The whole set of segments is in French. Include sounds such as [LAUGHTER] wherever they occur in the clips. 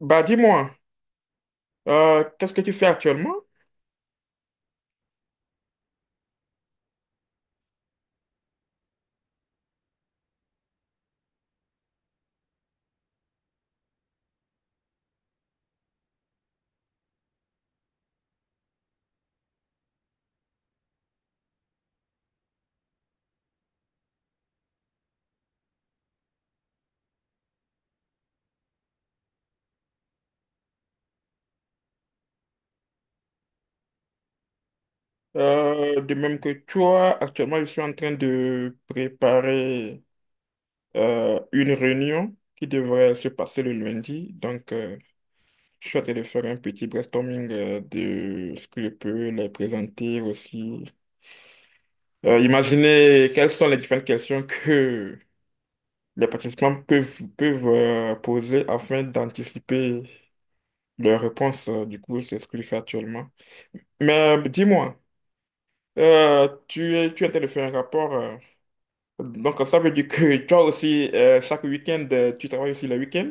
Bah dis-moi, qu'est-ce que tu fais actuellement? De même que toi, actuellement, je suis en train de préparer une réunion qui devrait se passer le lundi. Donc, je suis en train de faire un petit brainstorming de ce que je peux les présenter aussi. Imaginez quelles sont les différentes questions que les participants peuvent poser afin d'anticiper leurs réponses. Du coup, c'est ce que je fais actuellement. Mais dis-moi. Tu étais de faire un rapport, donc, ça veut dire que [LAUGHS] toi aussi, chaque week-end, tu travailles aussi le week-end?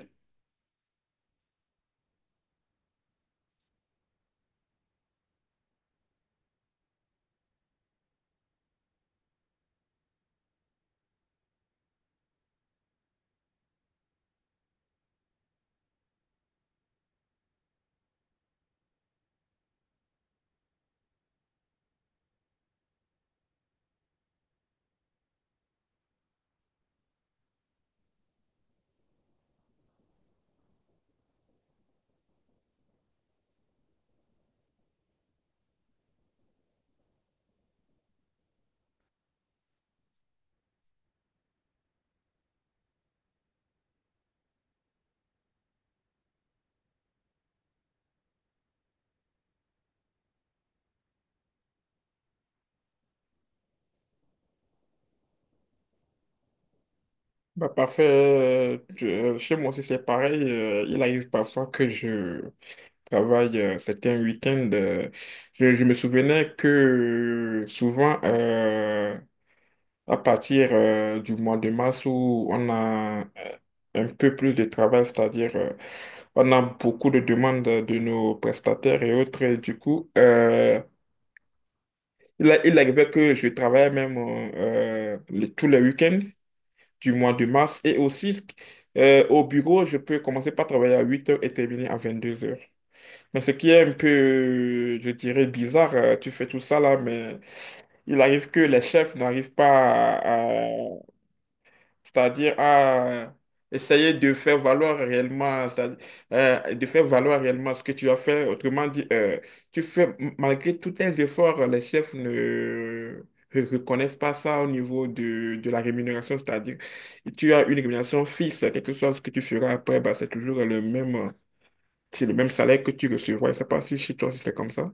Bah, parfait. Chez moi aussi, c'est pareil. Il arrive parfois que je travaille certains week-ends. Je me souvenais que souvent, à partir du mois de mars où on a un peu plus de travail, c'est-à-dire on a beaucoup de demandes de nos prestataires et autres. Et du coup, il arrivait que je travaillais même tous les week-ends du mois de mars et aussi au bureau, je peux commencer par travailler à 8 heures et terminer à 22 heures. Mais ce qui est un peu, je dirais, bizarre, tu fais tout ça là, mais il arrive que les chefs n'arrivent pas à, c'est-à-dire à essayer de faire valoir réellement, c'est-à-dire, de faire valoir réellement ce que tu as fait. Autrement dit, tu fais, malgré tous tes efforts, les chefs ne reconnaissent pas ça au niveau de la rémunération. C'est-à-dire, tu as une rémunération fixe, quelque chose que tu feras après, bah, c'est toujours le même, c'est le même salaire que tu recevras. Je ne sais pas si chez toi, si c'est comme ça.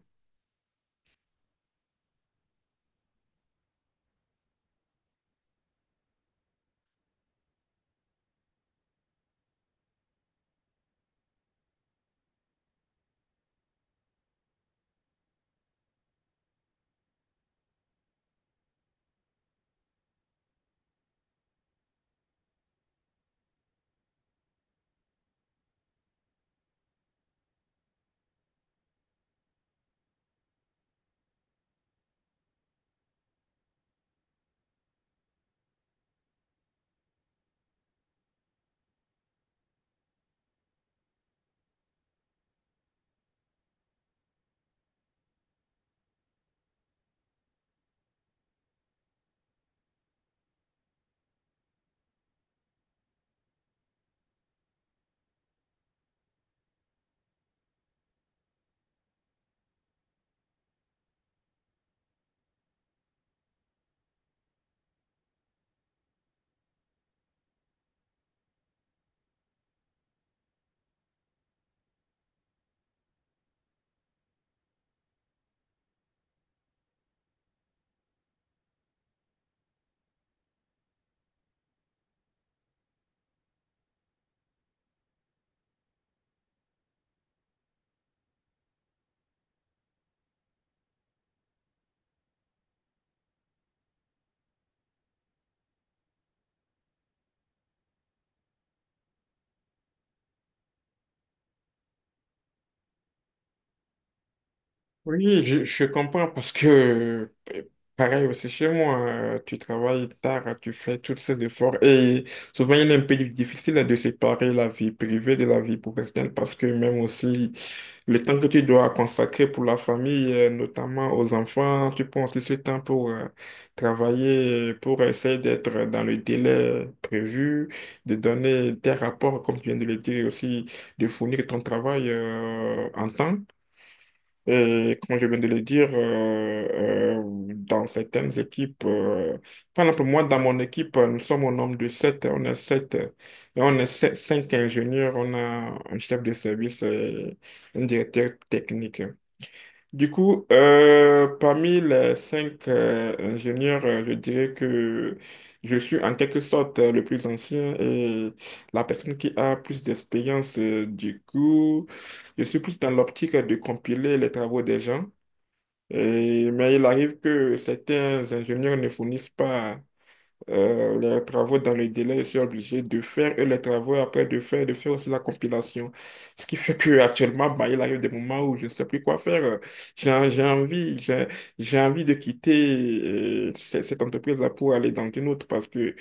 Oui, je comprends parce que euh, pareil aussi chez moi, tu travailles tard, tu fais tous ces efforts et souvent il est un peu difficile de séparer la vie privée de la vie professionnelle parce que même aussi le temps que tu dois consacrer pour la famille, notamment aux enfants, tu penses aussi ce temps pour travailler, pour essayer d'être dans le délai prévu, de donner tes rapports, comme tu viens de le dire, et aussi de fournir ton travail en temps. Et comme je viens de le dire, dans certaines équipes, par exemple, moi, dans mon équipe, nous sommes au nombre de 7. On est 7. Et on est 5 ingénieurs. On a un chef de service et un directeur technique. Du coup, parmi les 5 ingénieurs, je dirais que je suis en quelque sorte le plus ancien et la personne qui a plus d'expérience. Du coup, je suis plus dans l'optique de compiler les travaux des gens. Et- mais il arrive que certains ingénieurs ne fournissent pas les travaux dans le délai, je suis obligé de faire et les travaux après de faire aussi la compilation. Ce qui fait que actuellement, bah, il arrive des moments où je ne sais plus quoi faire. J'ai, en- j'ai envie de quitter cette entreprise-là pour aller dans une autre parce que,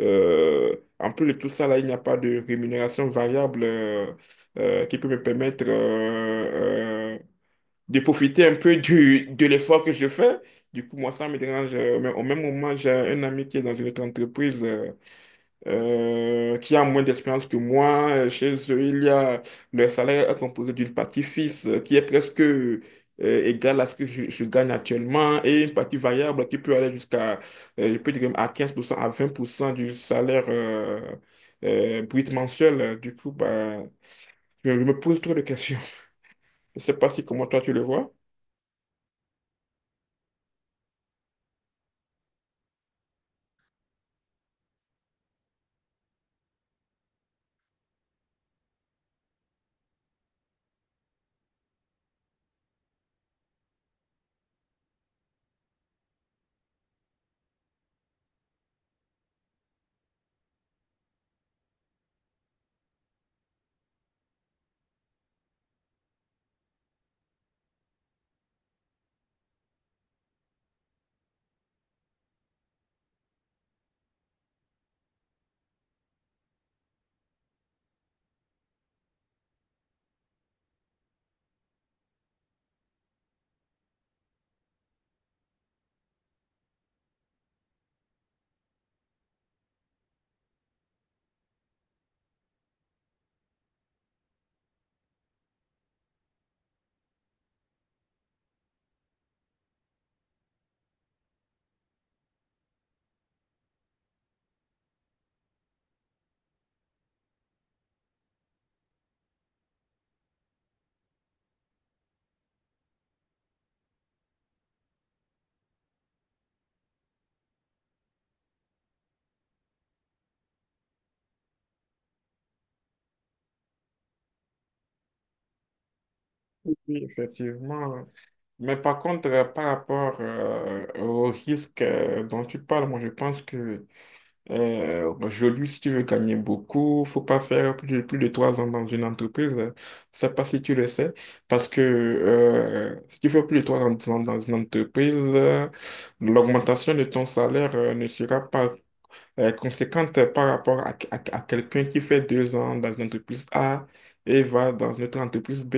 en plus de tout ça, là, il n'y a pas de rémunération variable qui peut me permettre de profiter un peu du, de l'effort que je fais. Du coup, moi, ça me dérange. Mais au même moment, j'ai un ami qui est dans une autre entreprise qui a moins d'expérience que moi. Chez eux, il y a le salaire est composé d'une partie fixe qui est presque égale à ce que je gagne actuellement et une partie variable qui peut aller jusqu'à, je peux dire, même à 15% à 20% du salaire brut mensuel. Du coup, bah, je me pose trop de questions. [LAUGHS] Je ne sais pas si comment toi tu le vois. Oui, effectivement. Mais par contre, par rapport au risque dont tu parles, moi je pense que aujourd'hui, si tu veux gagner beaucoup, faut pas faire plus de 3 ans dans une entreprise. Je sais pas si tu le sais, parce que si tu fais plus de 3 ans dans une entreprise, l'augmentation de ton salaire ne sera pas conséquente par rapport à, à quelqu'un qui fait 2 ans dans une entreprise A et va dans une autre entreprise B.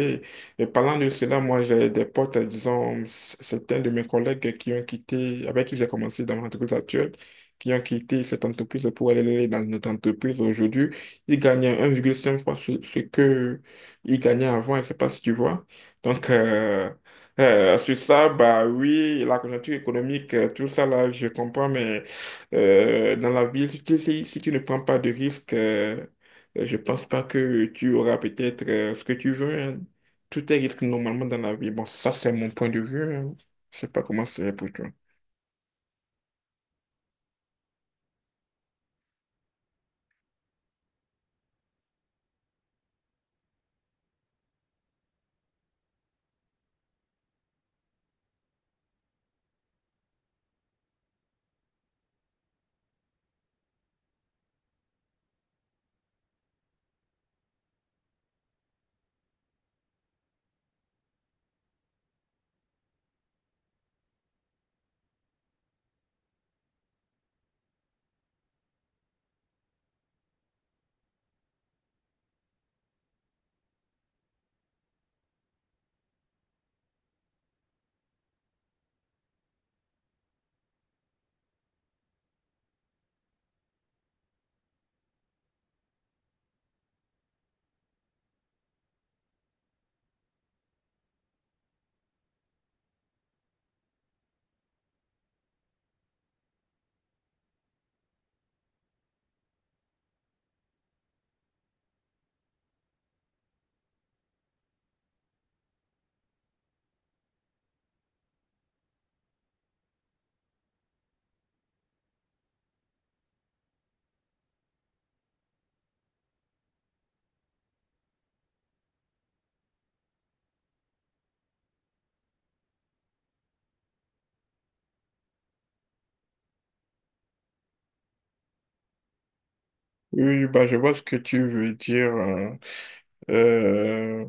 Et parlant de cela, moi, j'ai des potes, disons, certains de mes collègues qui ont quitté, avec qui j'ai commencé dans mon entreprise actuelle, qui ont quitté cette entreprise pour aller dans notre entreprise aujourd'hui. Ils gagnaient 1,5 fois ce que ils gagnaient avant, je ne sais pas si tu vois. Donc, sur ça, bah oui, la conjoncture économique, tout ça là, je comprends, mais dans la ville, si tu ne prends pas de risques, je pense pas que tu auras peut-être ce que tu veux, hein. Tout est risque normalement dans la vie. Bon, ça, c'est mon point de vue, hein. Je sais pas comment c'est pour toi. Oui, bah, je vois ce que tu veux dire, hein. Euh,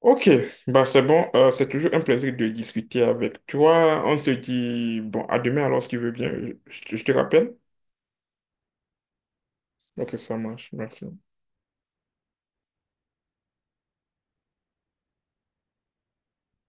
ok, bah, c'est bon. C'est toujours un plaisir de discuter avec toi. On se dit, bon, à demain alors, si tu veux bien. Je te rappelle. Ok, ça marche. Merci.